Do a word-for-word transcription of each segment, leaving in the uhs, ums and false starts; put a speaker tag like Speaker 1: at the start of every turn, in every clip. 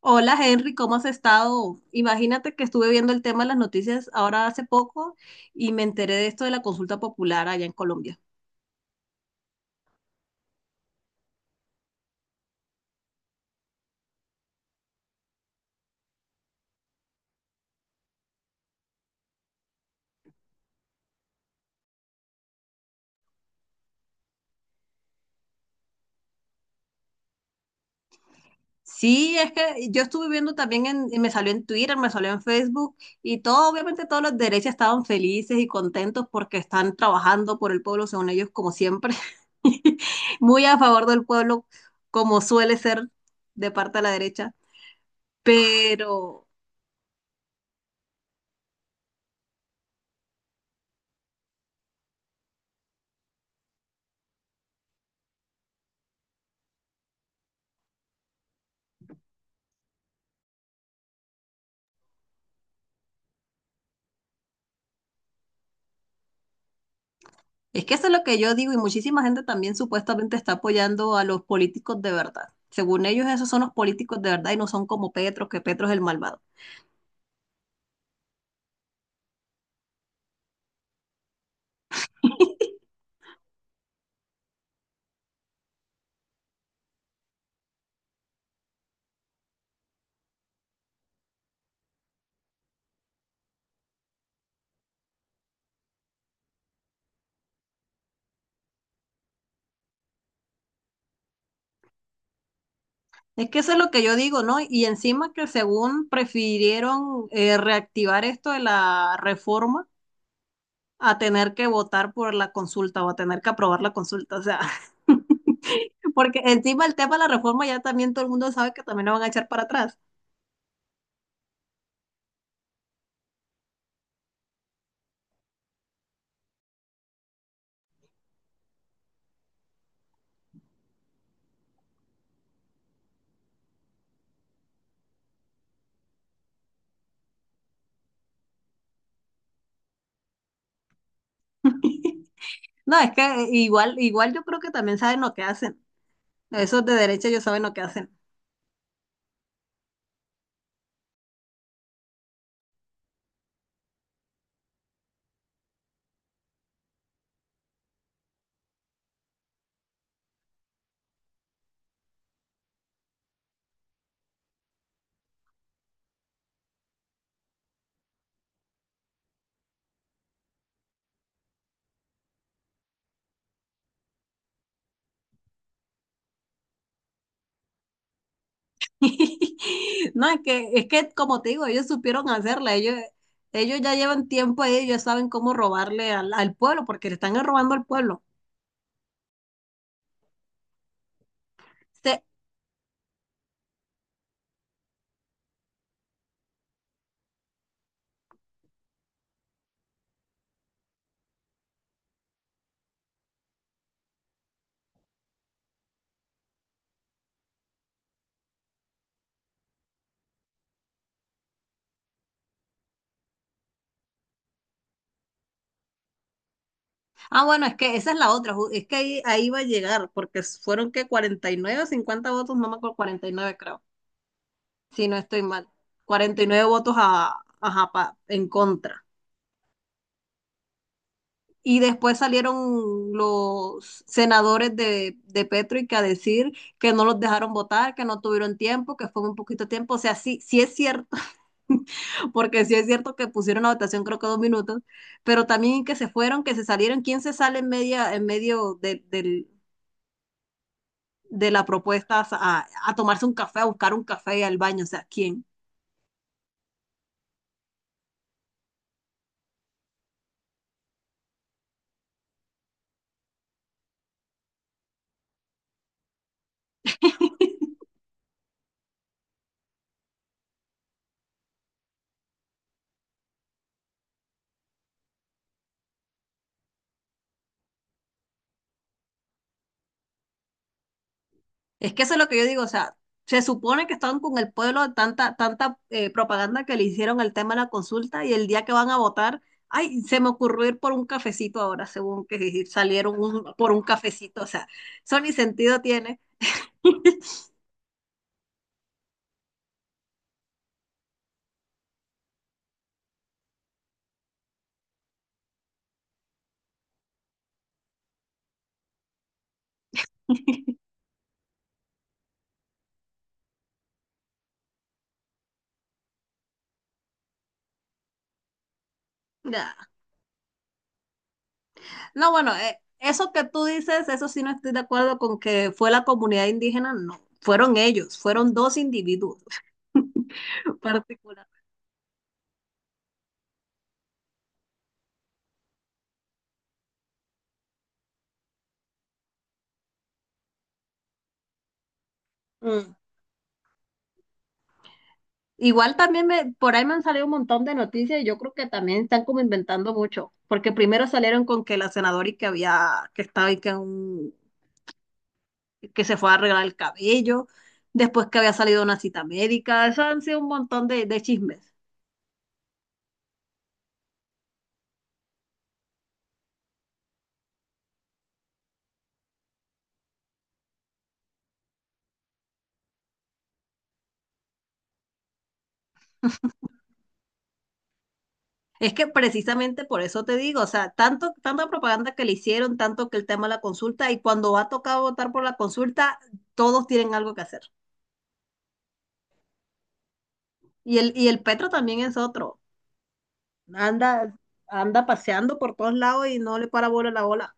Speaker 1: Hola Henry, ¿cómo has estado? Imagínate que estuve viendo el tema de las noticias ahora hace poco y me enteré de esto de la consulta popular allá en Colombia. Sí, es que yo estuve viendo también, en, y me salió en Twitter, me salió en Facebook y todo, obviamente todos los derechas estaban felices y contentos porque están trabajando por el pueblo, según ellos, como siempre, muy a favor del pueblo, como suele ser de parte de la derecha. Pero es que eso es lo que yo digo y muchísima gente también supuestamente está apoyando a los políticos de verdad. Según ellos, esos son los políticos de verdad y no son como Petro, que Petro es el malvado. Es que eso es lo que yo digo, ¿no? Y encima que según prefirieron eh, reactivar esto de la reforma a tener que votar por la consulta o a tener que aprobar la consulta. O sea, porque encima el tema de la reforma ya también todo el mundo sabe que también lo van a echar para atrás. No, es que eh, igual, igual yo creo que también saben lo que hacen. Esos de derecha ellos saben lo que hacen. No, es que, es que como te digo, ellos supieron hacerla, ellos, ellos ya llevan tiempo ahí, ellos saben cómo robarle al, al pueblo, porque le están robando al pueblo. Se- ah, bueno, es que esa es la otra, ju- es que ahí, ahí va a llegar, porque fueron que cuarenta y nueve o cincuenta votos, no me acuerdo, cuarenta y nueve creo, si no estoy mal, cuarenta y nueve votos a, ajá, pa- en contra. Y después salieron los senadores de, de Petrick a decir que no los dejaron votar, que no tuvieron tiempo, que fue un poquito de tiempo. O sea, sí, sí es cierto, porque sí es cierto que pusieron la votación creo que dos minutos, pero también que se fueron, que se salieron. ¿Quién se sale en, media, en medio de, del- de la propuesta a, a tomarse un café, a buscar un café y al baño? O sea, ¿quién? Es que eso es lo que yo digo, o sea, se supone que estaban con el pueblo de tanta, tanta eh, propaganda que le hicieron al tema de la consulta y el día que van a votar, ay, se me ocurrió ir por un cafecito ahora, según que salieron un- por un cafecito, o sea, eso ni sentido tiene. Ya. No, bueno, eh, eso que tú dices, eso sí no estoy de acuerdo con que fue la comunidad indígena, no, fueron ellos, fueron dos individuos particular. Igual también me, por ahí me han salido un montón de noticias y yo creo que también están como inventando mucho, porque primero salieron con que la senadora y que había, que estaba y que un- que se fue a arreglar el cabello, después que había salido una cita médica, eso han sido un montón de, de chismes. Es que precisamente por eso te digo, o sea, tanto, tanta propaganda que le hicieron, tanto que el tema de la consulta, y cuando va a tocar votar por la consulta, todos tienen algo que hacer. Y el, y el Petro también es otro. Anda, anda paseando por todos lados y no le para bola la bola.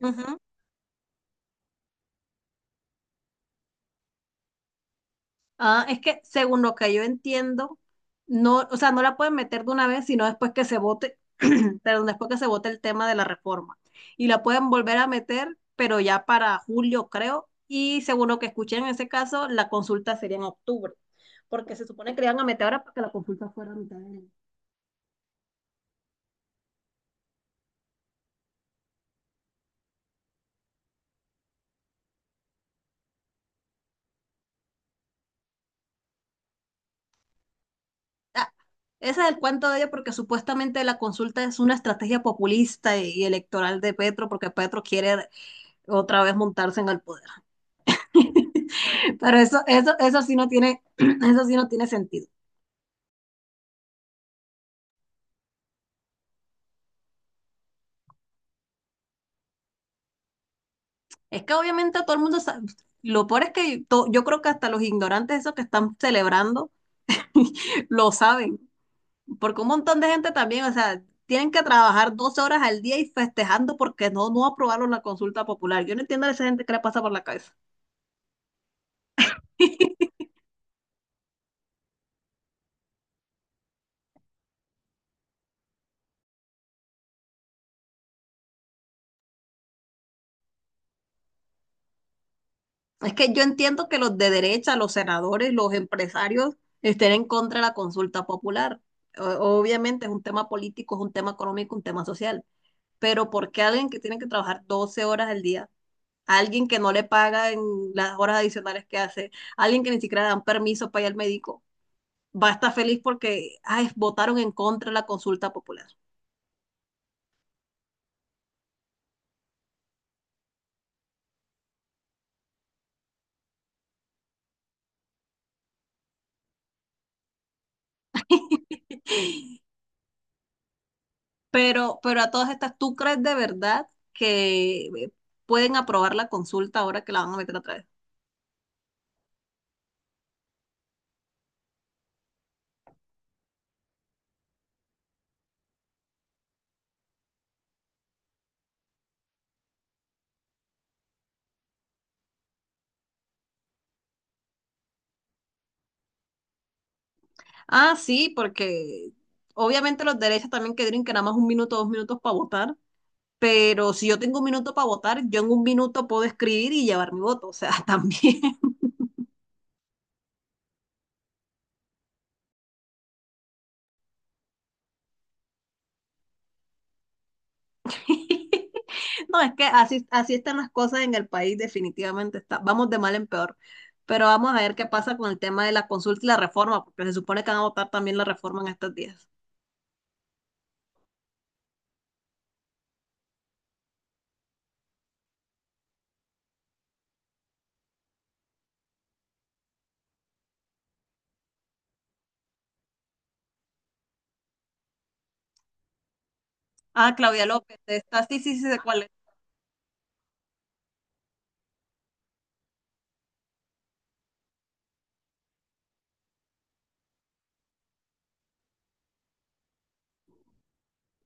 Speaker 1: Ujú. Ah, es que según lo que yo entiendo, no, o sea, no la pueden meter de una vez, sino después que se vote, perdón, después que se vote el tema de la reforma. Y la pueden volver a meter, pero ya para julio, creo, y según lo que escuché en ese caso, la consulta sería en octubre, porque se supone que le iban a meter ahora para que la consulta fuera a mitad de año. Ah, ese es el cuento de ella porque supuestamente la consulta es una estrategia populista y y electoral de Petro porque Petro quiere otra vez montarse en el poder. Pero eso, eso, eso sí no tiene, eso sí no tiene sentido. Es que obviamente todo el mundo sabe, lo peor es que to- yo creo que hasta los ignorantes esos que están celebrando lo saben, porque un montón de gente también, o sea, tienen que trabajar doce horas al día y festejando porque no, no aprobaron la consulta popular. Yo no entiendo a esa gente que le pasa por la cabeza. Es que yo entiendo que los de derecha, los senadores, los empresarios estén en contra de la consulta popular. O- Obviamente es un tema político, es un tema económico, un tema social. Pero ¿por qué alguien que tiene que trabajar doce horas al día, alguien que no le pagan las horas adicionales que hace, alguien que ni siquiera le dan permiso para ir al médico, va a estar feliz porque, ay, votaron en contra de la consulta popular? Pero, pero a todas estas, ¿tú crees de verdad que eh, pueden aprobar la consulta ahora que la van a meter atrás? Ah, sí, porque obviamente los derechos también que que nada más un minuto, dos minutos para votar, pero si yo tengo un minuto para votar, yo en un minuto puedo escribir y llevar mi voto, o sea, también. No, es que así, así están las cosas en el país, definitivamente está, vamos de mal en peor. Pero vamos a ver qué pasa con el tema de la consulta y la reforma, porque se supone que van a votar también la reforma en estos días. Ah, Claudia López, está, sí, sí, sí, sé cuál es.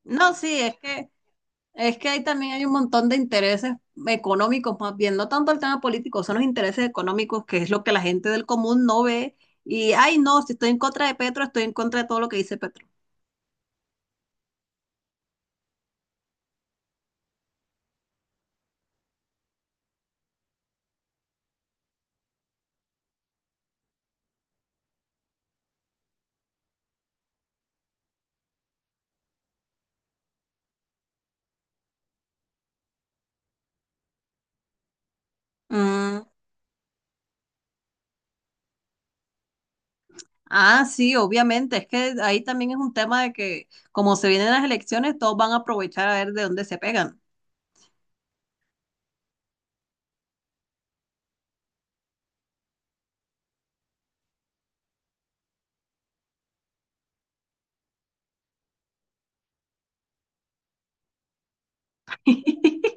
Speaker 1: No, sí, es que Es que ahí también hay un montón de intereses económicos, más bien, no tanto el tema político, son los intereses económicos, que es lo que la gente del común no ve. Y, ay, no, si estoy en contra de Petro, estoy en contra de todo lo que dice Petro. Mm. Ah, sí, obviamente, es que ahí también es un tema de que como se vienen las elecciones, todos van a aprovechar a ver de dónde se pegan.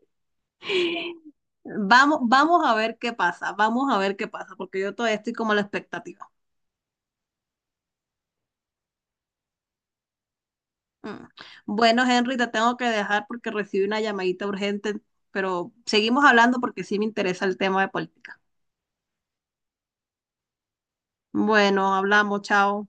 Speaker 1: Vamos, vamos a ver qué pasa, vamos a ver qué pasa, porque yo todavía estoy como a la expectativa. Mm. Bueno, Henry, te tengo que dejar porque recibí una llamadita urgente, pero seguimos hablando porque sí me interesa el tema de política. Bueno, hablamos, chao.